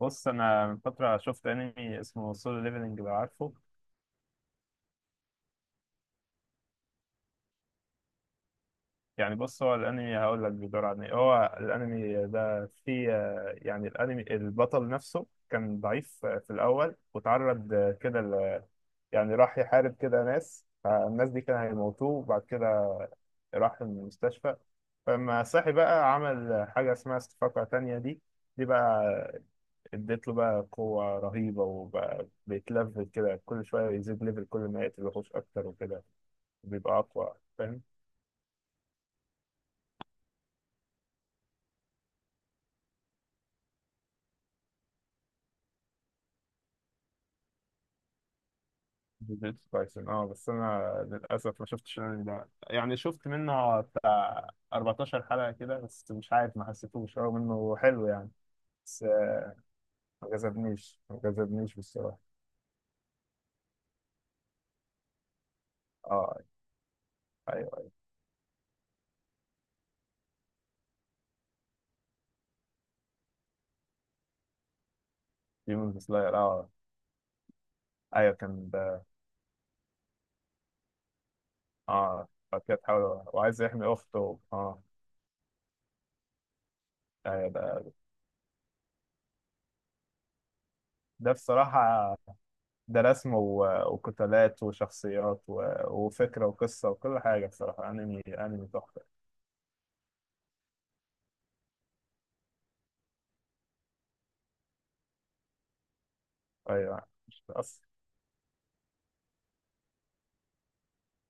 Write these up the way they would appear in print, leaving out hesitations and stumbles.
بص، انا من فتره شفت انمي اسمه سولو ليفلنج، لو عارفه. يعني بص، هو الانمي هقول لك بيدور عن ايه. هو الانمي ده فيه يعني الانمي البطل نفسه كان ضعيف في الاول، وتعرض كده يعني راح يحارب كده ناس، فالناس دي كانوا هيموتوه، وبعد كده راح المستشفى. فلما صحي بقى عمل حاجه اسمها استفاقه تانية دي. دي بقى اديت له بقى قوه رهيبه، وبقى بيتلفل كده. كل شويه يزيد ليفل، كل ما يقتل وحوش اكتر وكده بيبقى اقوى، فاهم؟ جوجيتسو تايسون، اه، بس انا للاسف ما شفتش الانمي ده. يعني شفت منه بتاع 14 حلقه كده بس، مش عارف، ما حسيتوش رغم انه حلو يعني. بس ما جذبنيش بالصراحه. اه، ايوه ايوه. ديمون سلاير، اه. ايوه كان ده. اه، بعد كده تحاول وعايز يحمي اخته، اه. ايوه ده. ده بصراحه، ده رسم وقتالات وشخصيات وفكره وقصه وكل حاجه، بصراحه انمي، انمي تحفه. ايوه، مش أص...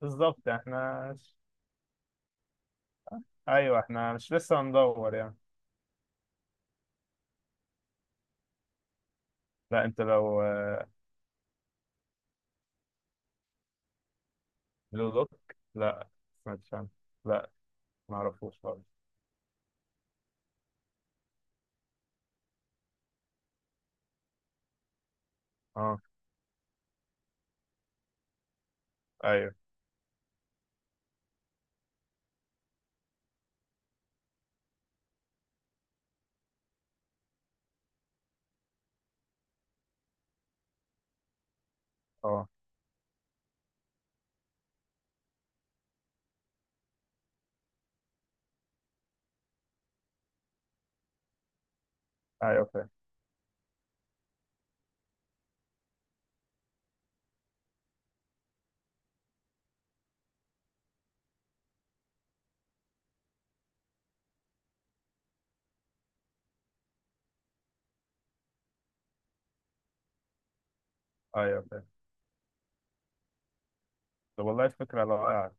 بالظبط، احنا ايوه احنا مش لسه هندور يعني. لا انت لو بلو لوك. لا، سمعتش عنه. لا، ما اعرفوش خالص. اه، ايوه. اه، ايوه فاهم. ايوه فاهم. طب والله فكره رائعه.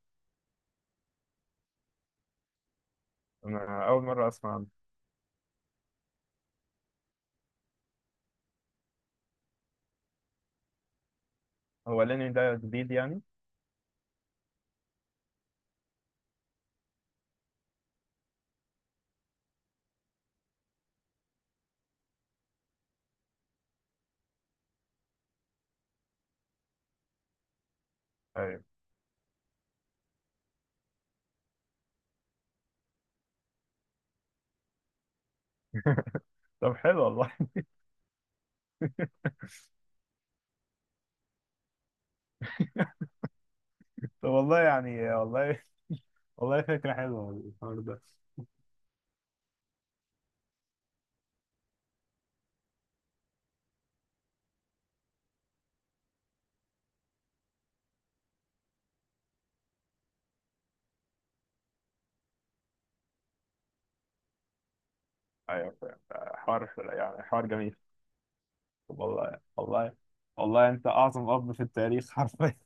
انا اول مره اسمع عنه. هو ليني ده جديد يعني؟ ايوه. طب حلو والله. طب والله يعني، والله، والله فكره حلوه الحوار ده. ايوه فاهم. حوار يعني، حوار جميل. طب والله، والله، والله انت اعظم اب في التاريخ حرفيا.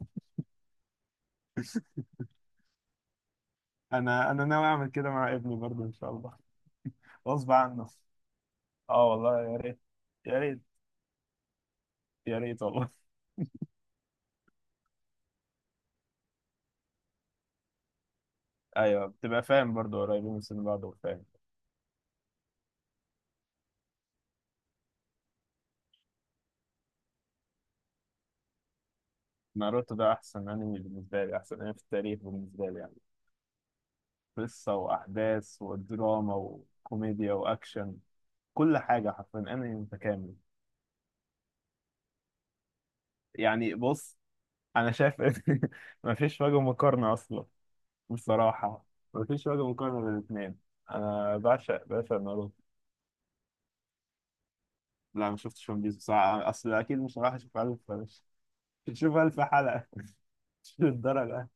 انا، انا ناوي اعمل كده مع ابني برضه ان شاء الله. غصب عنه. اه والله يا ريت، يا ريت، يا ريت والله. ايوه، بتبقى فاهم برضه، قريبين من سن بعض وفاهم. ناروتو ده احسن انمي بالنسبه لي، احسن انمي في التاريخ بالنسبه لي يعني. قصه واحداث ودراما وكوميديا واكشن، كل حاجه حرفيا انمي متكامل. يعني بص، انا شايف إن مفيش وجه مقارنه اصلا بصراحه. مفيش وجه مقارنه بين الاثنين. انا بعشق، بعشق ناروتو. لا، ما شفتش ون بيس بصراحة. أصل أكيد مش هروح أشوف ألف بلاش. تشوف ألف حلقة، مش للدرجة.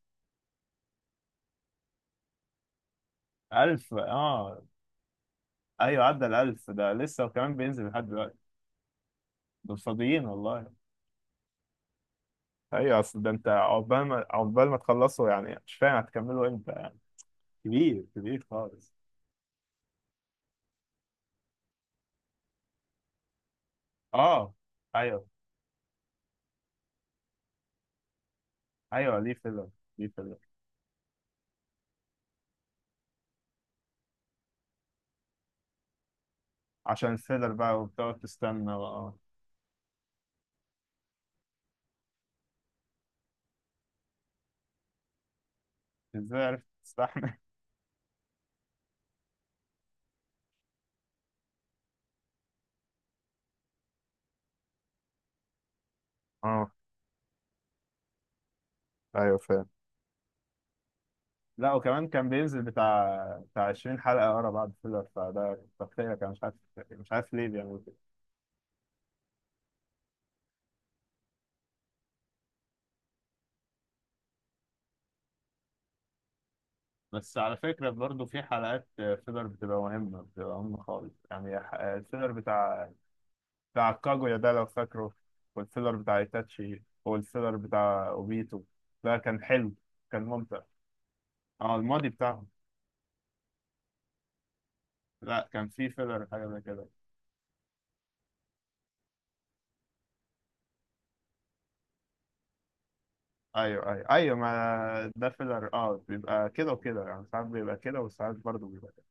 ألف، آه، أيوة، عدى الألف ده لسه، وكمان بينزل لحد دلوقتي. دول فاضيين والله. أيوة، أصل ده، أنت عقبال ما تخلصوا يعني، مش فاهم هتكملوا إمتى يعني. كبير، كبير خالص. آه، أيوة. أيوة، ليه فيلر؟ ليه فيلر؟ عشان الفيلر بقى، وبتقعد تستنى، آه. إزاي عرفت تستحمل؟ آه، ايوه فاهم. لا وكمان كان بينزل بتاع 20 حلقة ورا بعض فيلر، فده تقطيع كان مش عارف، مش عارف ليه بيعملوا كده. بس على فكرة برضه في حلقات فيلر بتبقى مهمة، بتبقى مهمة خالص يعني. الفيلر بتاع، بتاع كاجويا ده لو فاكره، والفيلر بتاع ايتاتشي، والفيلر بتاع اوبيتو، ده كان حلو، كان ممتع. اه الماضي بتاعهم. لا، كان في فيلر حاجة زي كده. ايوه ايوه ايوه، ما ده فيلر، اه، بيبقى كده وكده يعني، ساعات بيبقى كده، وساعات برضه بيبقى كده.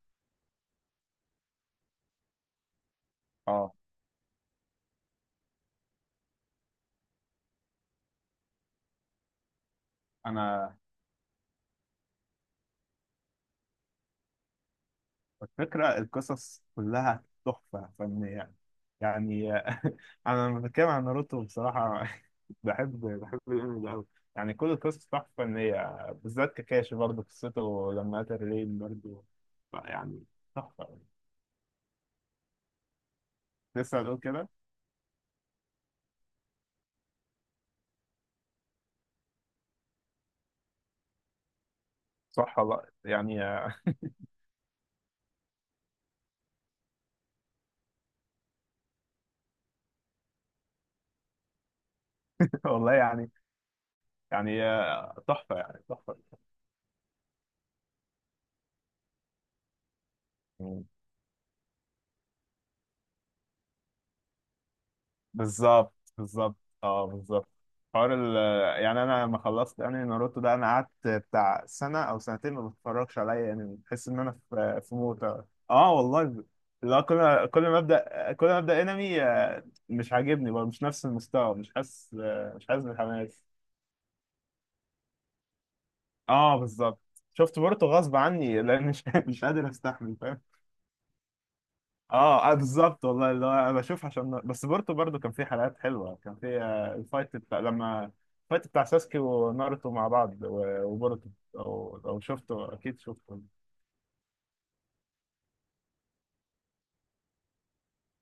اه، انا الفكرة القصص كلها تحفة فنية يعني. أنا لما بتكلم عن ناروتو بصراحة، بحب، بحب الأنمي ده أوي يعني. كل القصص تحفة فنية، بالذات كاكاشي برضه، قصته لما قتل رين برضه، يعني تحفة. لسه هتقول كده؟ صح والله يعني. والله يعني، يعني تحفة، يعني تحفة. بالظبط، بالظبط، اه بالظبط. حوار ال، يعني انا لما خلصت يعني ناروتو ده، انا قعدت بتاع سنه او سنتين ما بتفرجش عليا يعني، بحس ان انا في، في موت. اه والله. لا، كل ما ابدا، كل ما ابدا انمي مش عاجبني برضه، مش نفس المستوى، مش حاسس، مش حاسس بالحماس. اه بالظبط. شفت بورتو غصب عني، لان مش، مش قادر استحمل. اه، آه بالظبط والله، اللي هو انا بشوف عشان بس بورتو برضو كان في حلقات حلوه، كان في الفايت بتاع لما، الفايت بتاع ساسكي وناروتو مع بعض وبورتو. لو، لو شفته، اكيد شفته.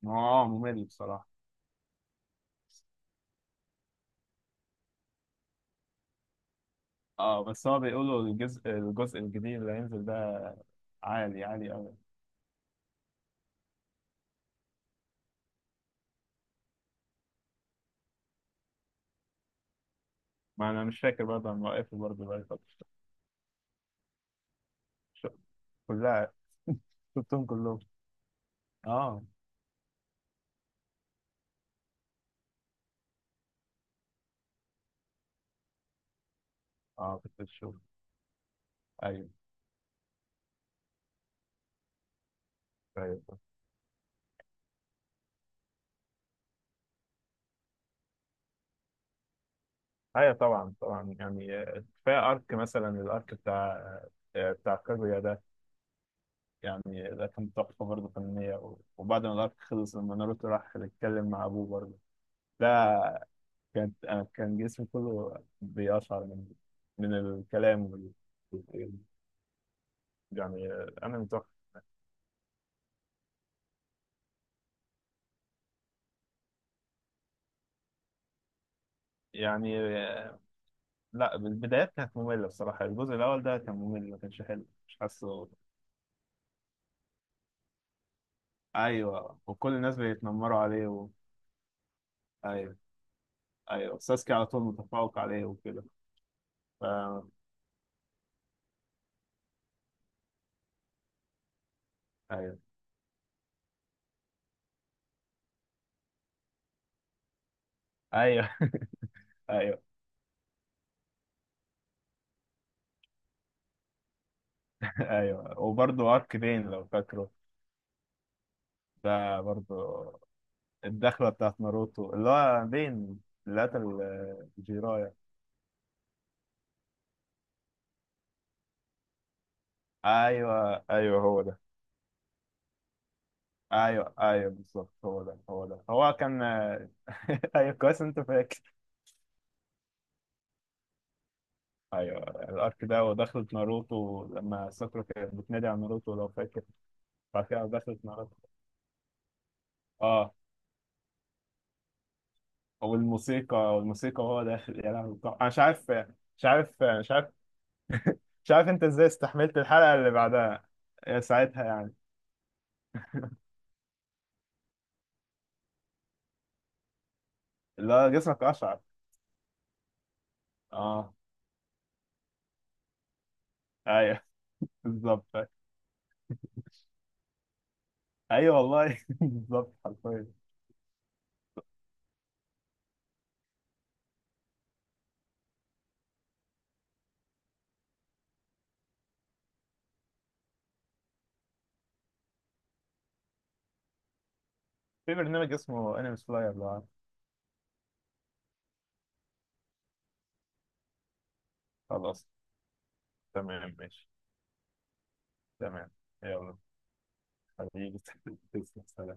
ما هو اه، ممل بصراحه. اه، بس هو بيقولوا الجزء، الجزء الجديد اللي هينزل ده عالي، عالي قوي. ما انا مش فاكر برضه، انا موقفه برضه بقالي فتره. ش-، كلها، شفتهم كلهم. اه، اه كنت بشوف. ايوه ايوه ايوه، طبعا طبعا يعني. كفايه ارك مثلا، الارك بتاع، بتاع كاguيا ده يعني، ده كان تحفه برضه فنيه، وبعد ما الارك خلص، لما ناروتو راح يتكلم مع ابوه برضه، ده، كانت، أنا كان جسمي كله بيقشعر من، من الكلام وال... وال- يعني، انا متوقع يعني. لا، البدايات كانت ممله بصراحه، الجزء الاول ده كان ممل، ما كانش حلو، مش حاسه. ايوه، وكل الناس بيتنمروا عليه، و... ايوه، ايوه، ساسكي على طول متفوق عليه وكده. ف، ايوه، ايوه. ايوه، ايوه، وبرضه ارك بين لو فاكره. ده برضه الدخله بتاعت ناروتو، اللي هو بين اللي قتل جيرايا. ايوه ايوه، هو ده. ايوه ايوه بالظبط، هو ده، هو ده، هو كان ايوه كويس انت فاكر. ايوه، الارك ده، ودخلت ناروتو لما ساكورا كانت بتنادي على ناروتو لو فاكر، بعد كده دخلت ناروتو، اه، والموسيقى، والموسيقى وهو داخل، يا لهوي. طب انا مش عارف، مش عارف، مش عارف، مش عارف انت ازاي استحملت الحلقة اللي بعدها. ساعتها يعني، اللي هو جسمك اشعر. اه، ايوه بالظبط. ايوه والله، بالظبط حرفيا. في برنامج اسمه انمي سلاير، لو عارف. خلاص، تمام ماشي. تمام، يلا حبيبي، تسلم، سلام.